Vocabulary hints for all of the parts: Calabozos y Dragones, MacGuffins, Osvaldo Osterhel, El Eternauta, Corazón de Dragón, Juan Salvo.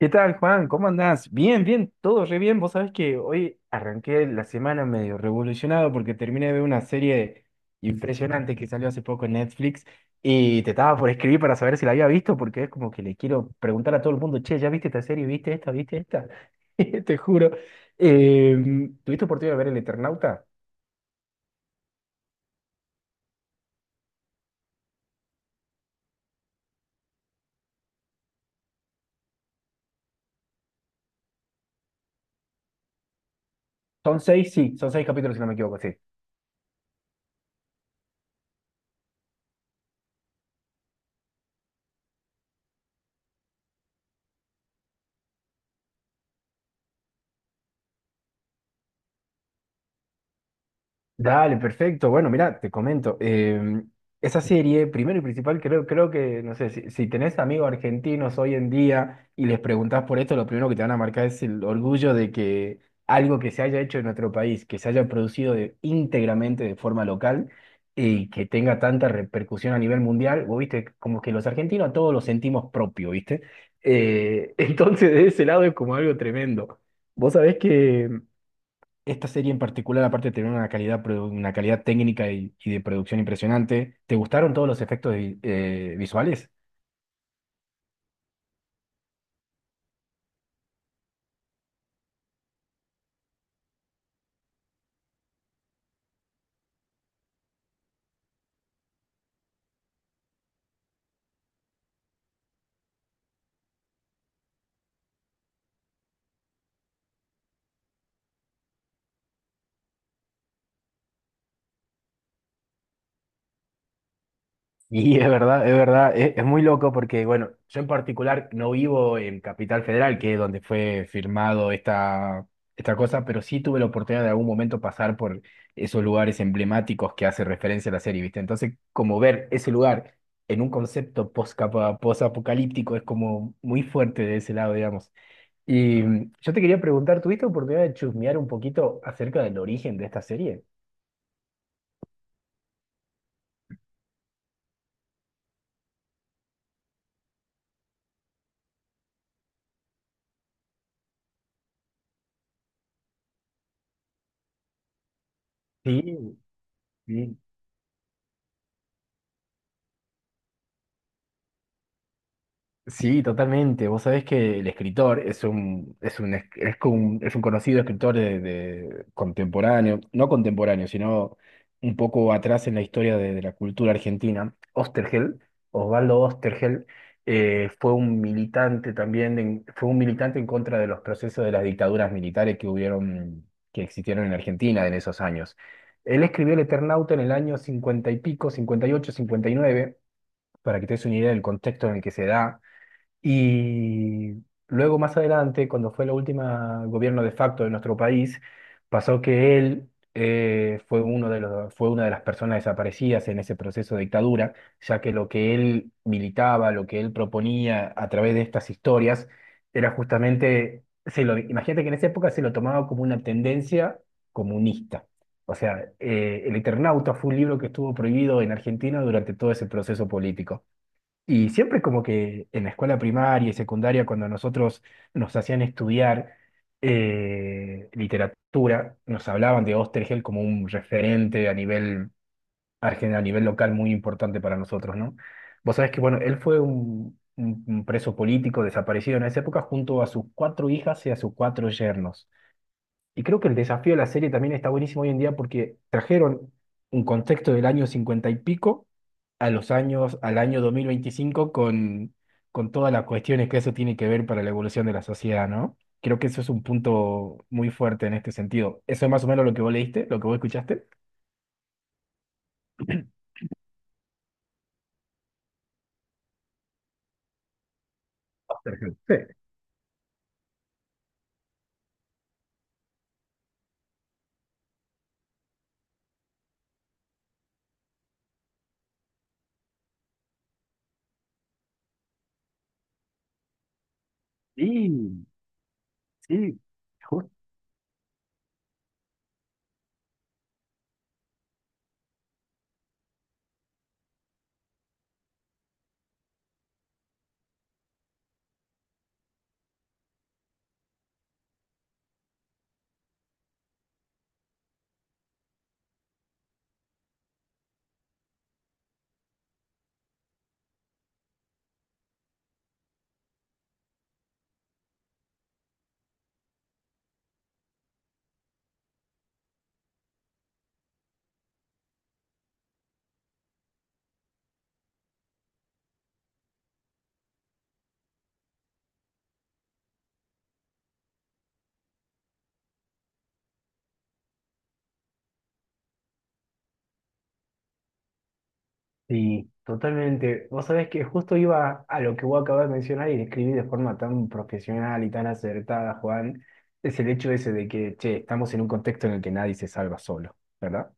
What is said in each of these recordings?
¿Qué tal, Juan? ¿Cómo andás? Bien, todo re bien. Vos sabés que hoy arranqué la semana medio revolucionado porque terminé de ver una serie impresionante que salió hace poco en Netflix y te estaba por escribir para saber si la había visto porque es como que le quiero preguntar a todo el mundo, che, ¿ya viste esta serie? ¿Viste esta? ¿Viste esta? Te juro. ¿Tuviste oportunidad de ver El Eternauta? Son seis, sí, son seis capítulos si no me equivoco, sí. Dale, perfecto. Bueno, mira, te comento. Esa serie, primero y principal, creo que, no sé, si tenés amigos argentinos hoy en día y les preguntás por esto, lo primero que te van a marcar es el orgullo de que algo que se haya hecho en nuestro país, que se haya producido íntegramente de forma local y que tenga tanta repercusión a nivel mundial, vos viste, como que los argentinos todos lo sentimos propio, ¿viste? Entonces, de ese lado es como algo tremendo. Vos sabés que esta serie en particular, aparte de tener una calidad, una calidad técnica y de producción impresionante, ¿te gustaron todos los efectos visuales? Y es verdad, es muy loco porque, bueno, yo en particular no vivo en Capital Federal, que es donde fue firmado esta cosa, pero sí tuve la oportunidad de algún momento pasar por esos lugares emblemáticos que hace referencia a la serie, ¿viste? Entonces, como ver ese lugar en un concepto post-apocalíptico es como muy fuerte de ese lado, digamos. Y yo te quería preguntar, ¿tuviste oportunidad de chusmear un poquito acerca del origen de esta serie? Sí, sí. Sí, totalmente. Vos sabés que el escritor es un conocido escritor de contemporáneo, no contemporáneo, sino un poco atrás en la historia de la cultura argentina. Osterhel, Osvaldo Osterhel, fue un militante también, fue un militante en contra de los procesos de las dictaduras militares que hubieron, que existieron en Argentina en esos años. Él escribió El Eternauta en el año 50 y pico, cincuenta y ocho, cincuenta y nueve, para que te des una idea del contexto en el que se da. Y luego más adelante, cuando fue la última gobierno de facto de nuestro país, pasó que él fue una de las personas desaparecidas en ese proceso de dictadura, ya que lo que él militaba, lo que él proponía a través de estas historias, era justamente, imagínate que en esa época se lo tomaba como una tendencia comunista. O sea, El Eternauta fue un libro que estuvo prohibido en Argentina durante todo ese proceso político. Y siempre como que en la escuela primaria y secundaria, cuando nosotros nos hacían estudiar literatura, nos hablaban de Osterhel como un referente a nivel, a nivel local muy importante para nosotros, ¿no? Vos sabés que, bueno, él fue un preso político desaparecido en esa época junto a sus cuatro hijas y a sus cuatro yernos. Y creo que el desafío de la serie también está buenísimo hoy en día porque trajeron un contexto del año 50 y pico a los años, al año 2025 con todas las cuestiones que eso tiene que ver para la evolución de la sociedad, ¿no? Creo que eso es un punto muy fuerte en este sentido. ¿Eso es más o menos lo que vos leíste, lo que vos escuchaste? Perfecto. Sí, sí, sí, sí, totalmente. Vos sabés que justo iba a lo que vos acabas de mencionar y describí de forma tan profesional y tan acertada, Juan, es el hecho ese de que, che, estamos en un contexto en el que nadie se salva solo, ¿verdad?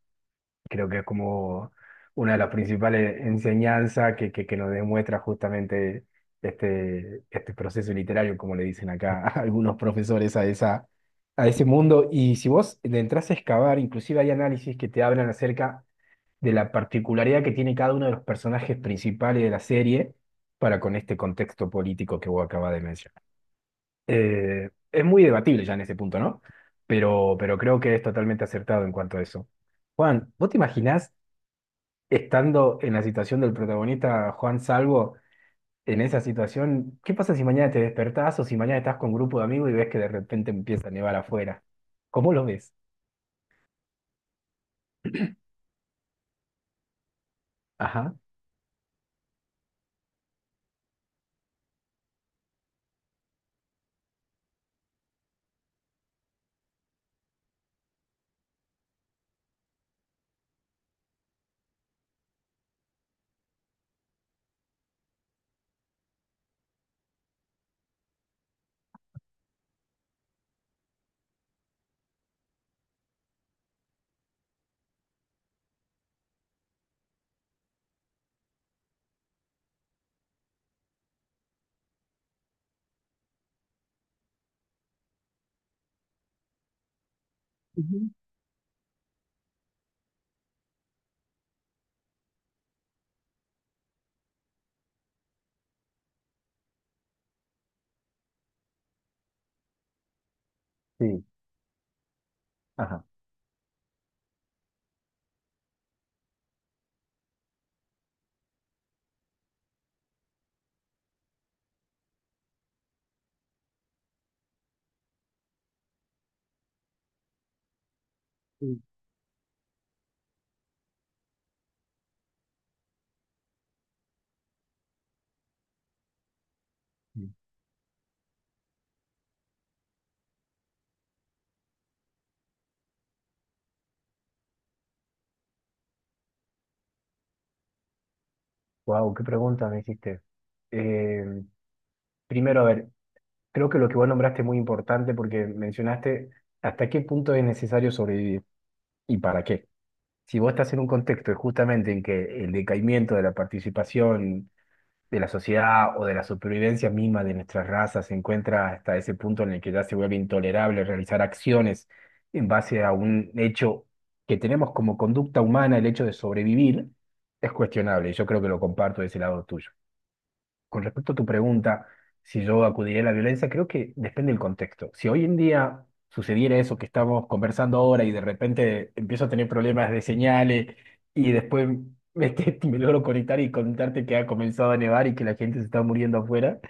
Creo que es como una de las principales enseñanzas que nos demuestra justamente este proceso literario, como le dicen acá a algunos profesores a a ese mundo. Y si vos le entras a excavar, inclusive hay análisis que te hablan acerca de la particularidad que tiene cada uno de los personajes principales de la serie para con este contexto político que vos acabas de mencionar. Es muy debatible ya en este punto, ¿no? Pero creo que es totalmente acertado en cuanto a eso. Juan, ¿vos te imaginás estando en la situación del protagonista Juan Salvo, en esa situación? ¿Qué pasa si mañana te despertás o si mañana estás con un grupo de amigos y ves que de repente empieza a nevar afuera? ¿Cómo lo ves? Ajá. Ujú. Sí, ajá. Sí. Wow, qué pregunta me hiciste. Eh, primero, a ver, creo que lo que vos nombraste es muy importante porque mencionaste hasta qué punto es necesario sobrevivir y para qué. Si vos estás en un contexto justamente en que el decaimiento de la participación de la sociedad o de la supervivencia misma de nuestras razas se encuentra hasta ese punto en el que ya se vuelve intolerable realizar acciones en base a un hecho que tenemos como conducta humana, el hecho de sobrevivir, es cuestionable. Yo creo que lo comparto de ese lado tuyo. Con respecto a tu pregunta, si yo acudiría a la violencia, creo que depende del contexto. Si hoy en día sucediera eso que estamos conversando ahora y de repente empiezo a tener problemas de señales y después que me logro conectar y contarte que ha comenzado a nevar y que la gente se está muriendo afuera,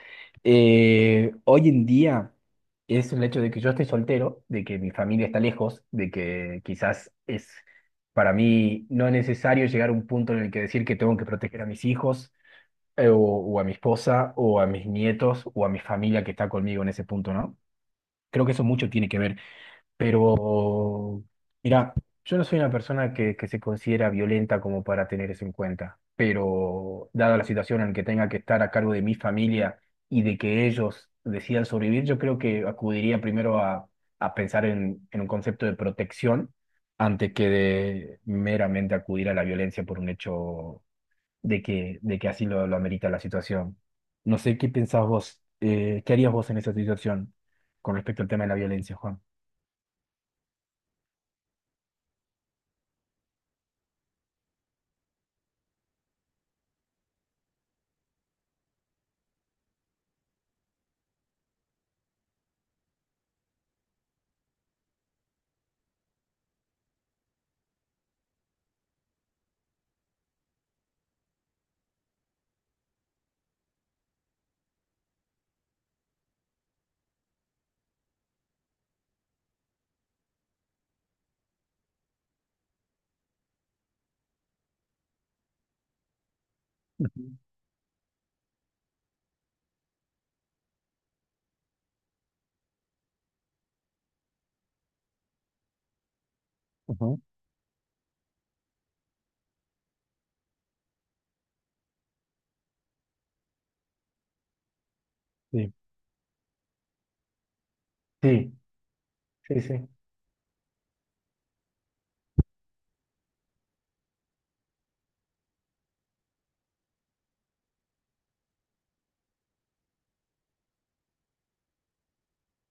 hoy en día es el hecho de que yo estoy soltero, de que mi familia está lejos, de que quizás es para mí no necesario llegar a un punto en el que decir que tengo que proteger a mis hijos o a mi esposa, o a mis nietos, o a mi familia que está conmigo en ese punto, ¿no? Creo que eso mucho tiene que ver, pero mira, yo no soy una persona que se considera violenta como para tener eso en cuenta, pero dada la situación en que tenga que estar a cargo de mi familia y de que ellos decidan sobrevivir, yo creo que acudiría primero a pensar en un concepto de protección antes que de meramente acudir a la violencia por un hecho de que así lo amerita la situación. No sé qué pensás vos, qué harías vos en esa situación con respecto al tema de la violencia, Juan. Ujú, ujú. Sí, sí, sí, sí.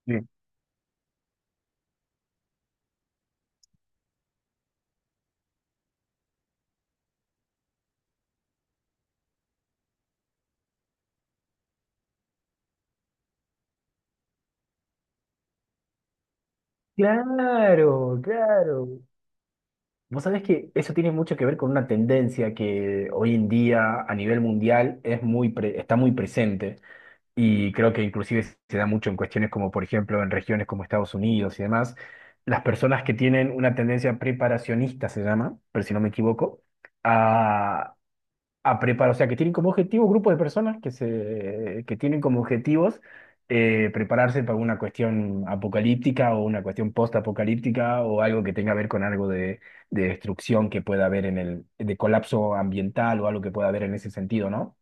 Sí. Claro, claro. Vos sabés que eso tiene mucho que ver con una tendencia que hoy en día a nivel mundial es está muy presente. Y creo que inclusive se da mucho en cuestiones como, por ejemplo, en regiones como Estados Unidos y demás, las personas que tienen una tendencia preparacionista, se llama, pero si no me equivoco, a, a preparar, o sea, que tienen como objetivo grupos de personas que tienen como objetivos prepararse para una cuestión apocalíptica o una cuestión post-apocalíptica o algo que tenga que ver con algo de destrucción que pueda haber en el, de colapso ambiental o algo que pueda haber en ese sentido, ¿no?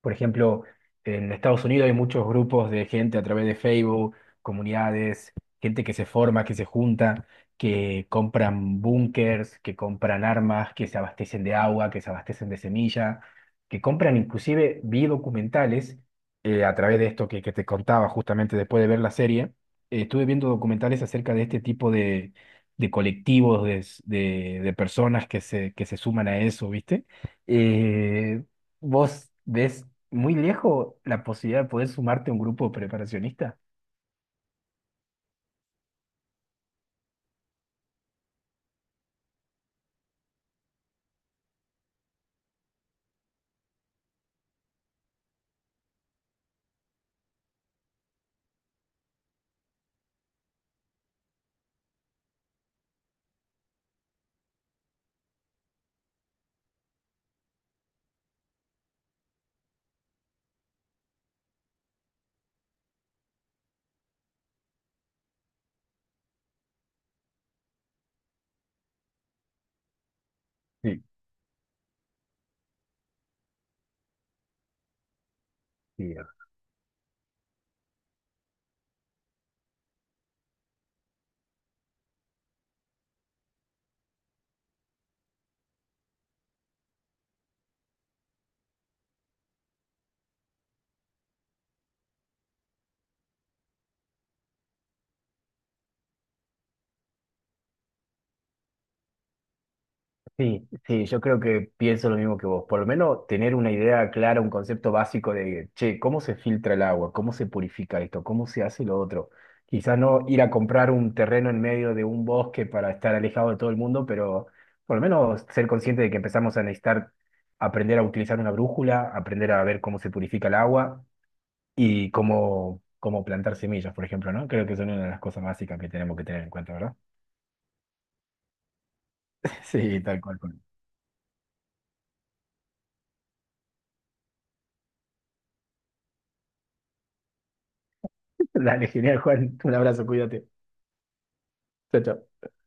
Por ejemplo, en Estados Unidos hay muchos grupos de gente a través de Facebook, comunidades, gente que se forma, que se junta, que compran búnkers, que compran armas, que se abastecen de agua, que se abastecen de semilla, que compran inclusive vi documentales a través de esto que te contaba justamente después de ver la serie. Estuve viendo documentales acerca de este tipo de colectivos, de personas que se suman a eso, ¿viste? Eh, ¿Vos ves muy lejos la posibilidad de poder sumarte a un grupo preparacionista? Sí, sí, sí, sí, yo creo que pienso lo mismo que vos. Por lo menos tener una idea clara, un concepto básico de, che, ¿cómo se filtra el agua? ¿Cómo se purifica esto? ¿Cómo se hace lo otro? Quizás no ir a comprar un terreno en medio de un bosque para estar alejado de todo el mundo, pero por lo menos ser consciente de que empezamos a necesitar aprender a utilizar una brújula, aprender a ver cómo se purifica el agua y cómo plantar semillas, por ejemplo, ¿no? Creo que son una de las cosas básicas que tenemos que tener en cuenta, ¿verdad? Sí, tal cual. Juan. Dale, genial, Juan. Un abrazo, cuídate. Chao, chao.